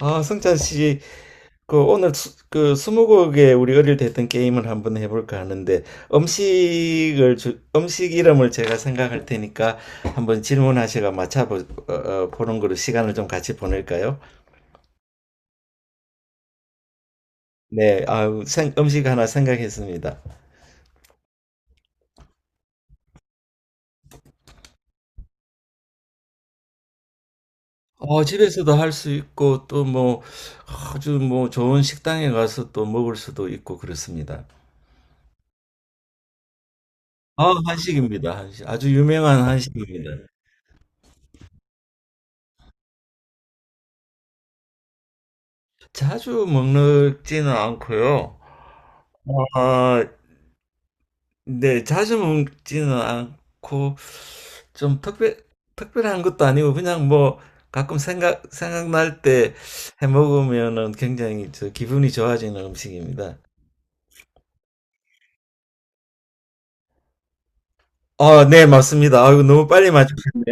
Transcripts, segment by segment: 아, 승찬 씨, 그 오늘 그 스무고개 우리 어릴 때 했던 게임을 한번 해볼까 하는데 음식 이름을 제가 생각할 테니까 한번 질문하시고 보는 거로 시간을 좀 같이 보낼까요? 네, 음식 하나 생각했습니다. 집에서도 할 수 있고 또 뭐 아주 뭐 좋은 식당에 가서 또 먹을 수도 있고 그렇습니다. 아, 한식입니다. 한식. 아주 유명한 한식입니다. 자주 먹지는 않고요. 어, 네, 자주 먹지는 않고 좀 특별한 것도 아니고 그냥 뭐 가끔 생각날 때 해 먹으면은 굉장히 저 기분이 좋아지는 음식입니다. 어 네, 맞습니다. 아이고 너무 빨리 맞추셨네.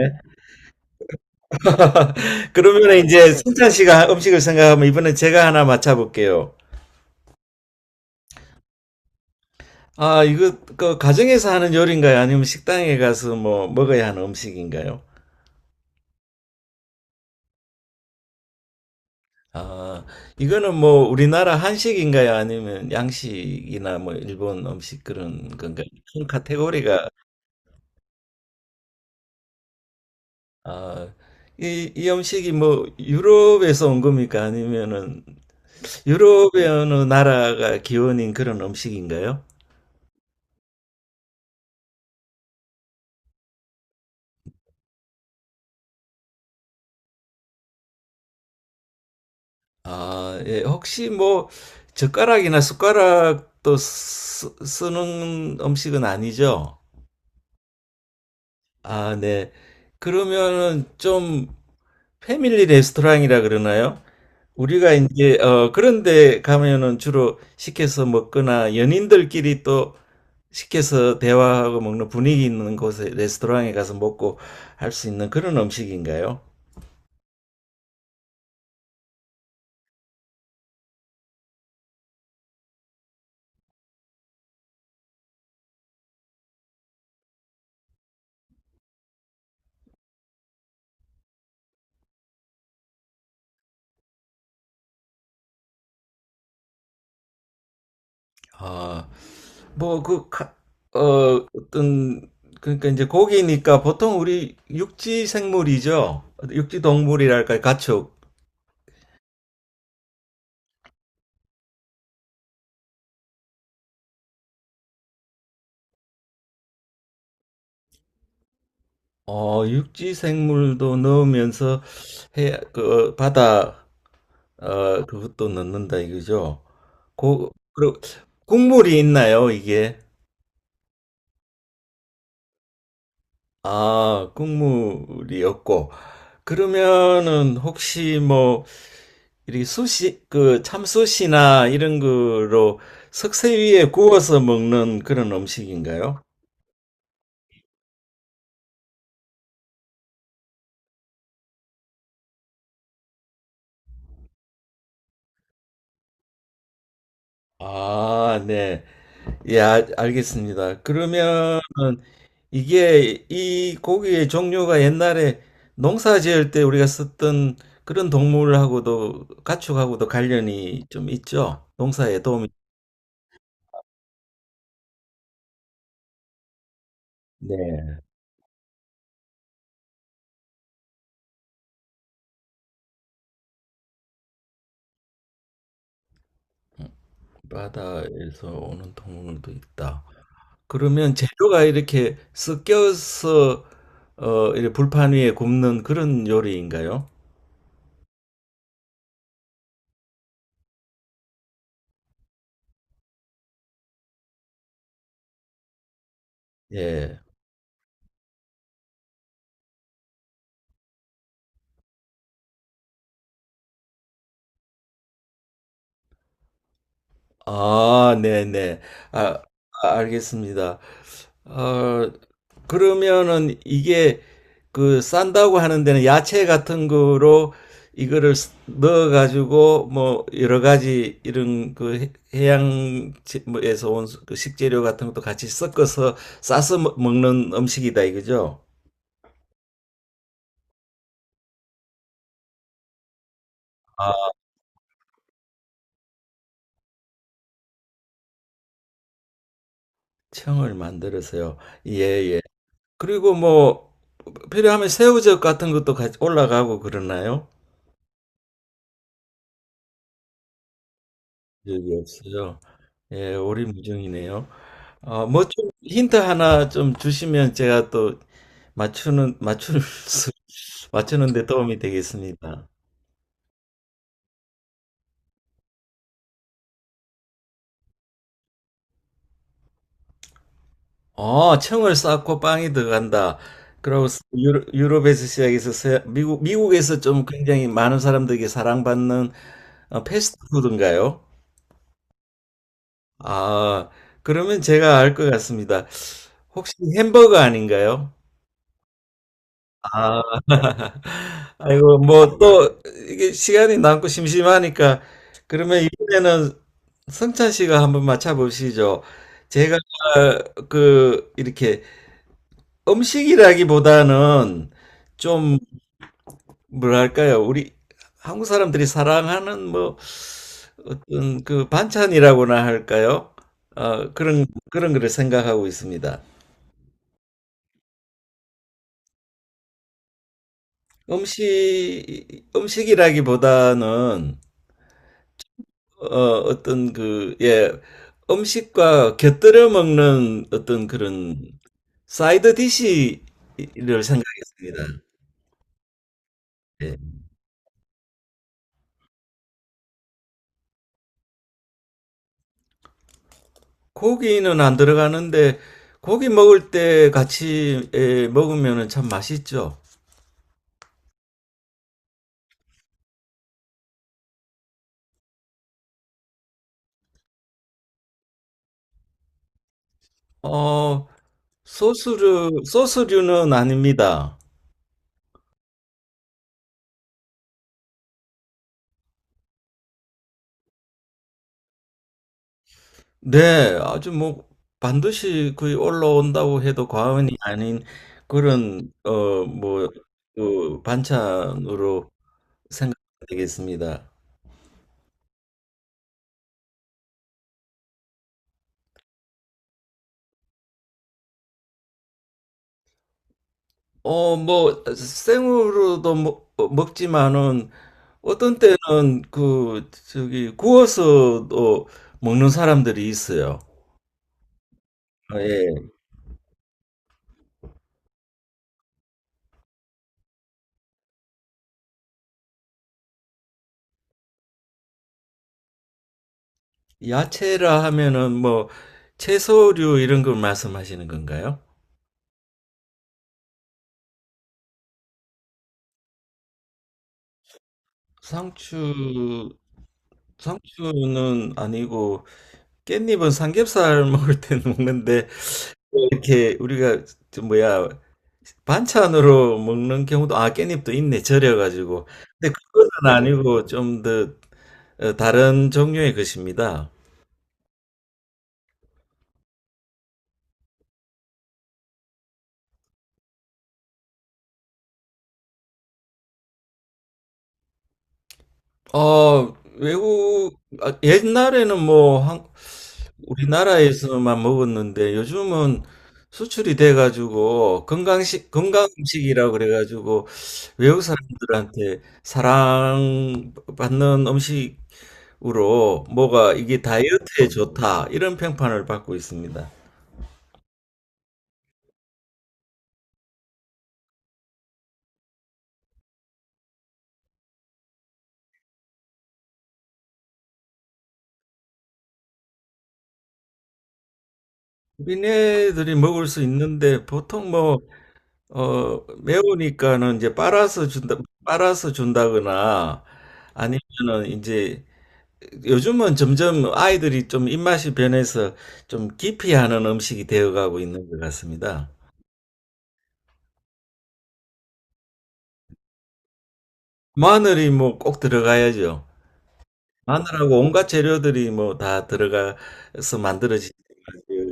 그러면 이제 승찬 씨가 음식을 생각하면 이번에 제가 하나 맞춰볼게요. 아, 이거 그 가정에서 하는 요리인가요? 아니면 식당에 가서 뭐 먹어야 하는 음식인가요? 아, 이거는 뭐 우리나라 한식인가요? 아니면 양식이나 뭐 일본 음식 그런 건가요? 큰 카테고리가. 아, 이 음식이 뭐 유럽에서 온 겁니까? 아니면은 유럽의 어느 나라가 기원인 그런 음식인가요? 아, 예. 혹시 뭐 젓가락이나 숟가락도 쓰는 음식은 아니죠? 아, 네. 그러면은 좀 패밀리 레스토랑이라 그러나요? 우리가 이제 어 그런 데 가면은 주로 시켜서 먹거나 연인들끼리 또 시켜서 대화하고 먹는 분위기 있는 곳에 레스토랑에 가서 먹고 할 수 있는 그런 음식인가요? 아, 뭐그 어, 어떤 그러니까 이제 고기니까 보통 우리 육지 생물이죠. 육지 동물이랄까요? 가축. 어, 육지 생물도 넣으면서 그 바다 어, 그것도 넣는다 이거죠? 그리고 국물이 있나요, 이게? 아, 국물이 없고. 그러면은 혹시 뭐, 이렇게 그 참수시나 이런 거로 석쇠 위에 구워서 먹는 그런 음식인가요? 아, 네. 예, 알겠습니다. 그러면 이게 이 고기의 종류가 옛날에 농사 지을 때 우리가 썼던 그런 동물하고도 가축하고도 관련이 좀 있죠. 농사에 도움이. 네. 바다에서 오는 동물도 있다. 그러면 재료가 이렇게 섞여서 어, 이렇게 불판 위에 굽는 그런 요리인가요? 예. 아, 네네. 아, 아, 알겠습니다. 어, 그러면은 이게 그 싼다고 하는 데는 야채 같은 거로 이거를 넣어가지고 뭐 여러 가지 이런 그 양에서 온그 식재료 같은 것도 같이 섞어서 싸서 먹는 음식이다 이거죠? 아, 청을 만들어서요. 예, 예. 그리고 뭐 필요하면 새우젓 같은 것도 같이 올라가고 그러나요? 적이 없어요. 예, 오리무중이네요. 어, 뭐 좀 힌트 하나 좀 주시면 제가 또 맞추는 맞출 수, 맞추는데 도움이 되겠습니다. 어, 청을 쌓고 빵이 들어간다. 그리고 유럽에서 시작해서 미국에서 좀 굉장히 많은 사람들에게 사랑받는 어, 패스트푸드인가요? 아, 그러면 제가 알 것 같습니다. 혹시 햄버거 아닌가요? 아, 아이고, 뭐, 또, 이게 시간이 남고 심심하니까, 그러면 이번에는 성찬 씨가 한번 맞춰보시죠. 제가, 그, 이렇게, 음식이라기보다는 좀, 뭐랄까요, 우리 한국 사람들이 사랑하는 뭐, 어떤 그 반찬이라고나 할까요? 어, 그런, 그런 거를 생각하고 있습니다. 음식이라기보다는 어, 어떤 그, 예, 음식과 곁들여 먹는 어떤 그런 사이드 디시를 생각했습니다. 예. 고기는 안 들어가는데 고기 먹을 때 같이 예, 먹으면 참 맛있죠. 어, 소스류는 아닙니다. 네, 아주 뭐 반드시 거의 올라온다고 해도 과언이 아닌 그런 어, 뭐, 그 반찬으로 생각되겠습니다. 어, 뭐 생으로도 먹지만은 어떤 때는 그 저기 구워서도 먹는 사람들이 있어요. 아, 예. 야채라 하면은 뭐 채소류 이런 걸 말씀하시는 건가요? 상추 상추는 아니고 깻잎은 삼겹살 먹을 때 먹는데 이렇게 우리가 저 뭐야 반찬으로 먹는 경우도 아 깻잎도 있네 절여가지고 근데 그거는 아니고 좀더 어, 다른 종류의 것입니다. 어 외국 아, 옛날에는 뭐 우리나라에서만 먹었는데 요즘은 수출이 돼가지고 건강식 건강 음식이라고 그래가지고 외국 사람들한테 사랑받는 음식으로 뭐가 이게 다이어트에 좋다 이런 평판을 받고 있습니다. 미네들이 먹을 수 있는데 보통 뭐 어, 매우니까는 이제 빨아서 준다 빨아서 준다거나 아니면은 이제 요즘은 점점 아이들이 좀 입맛이 변해서 좀 기피 하는 음식이 되어가고 있는 것 같습니다. 마늘이 뭐 꼭 들어가야죠. 마늘하고 온갖 재료들이 뭐 다 들어가서 만들어진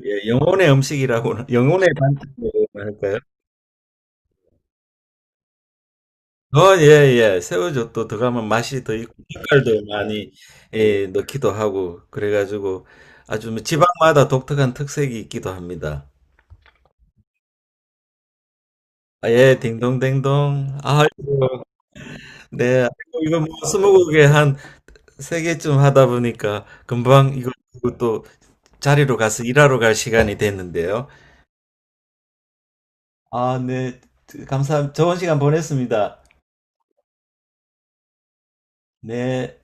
예, 영혼의 음식이라고는 영혼의 반찬이라고 할까요? 어, 예, 예. 새우젓도 들어가면 맛이 더 있고, 색깔도 많이, 예, 넣기도 하고, 그래가지고, 아주 뭐 지방마다 독특한 특색이 있기도 합니다. 아, 예, 딩동댕동. 아이고, 네. 아이고, 이거 뭐, 스무 곡에 한 세 개쯤 하다 보니까, 금방 이거 듣고 또 자리로 가서 일하러 갈 시간이 됐는데요. 아, 네. 감사합니다. 좋은 시간 보냈습니다. 네.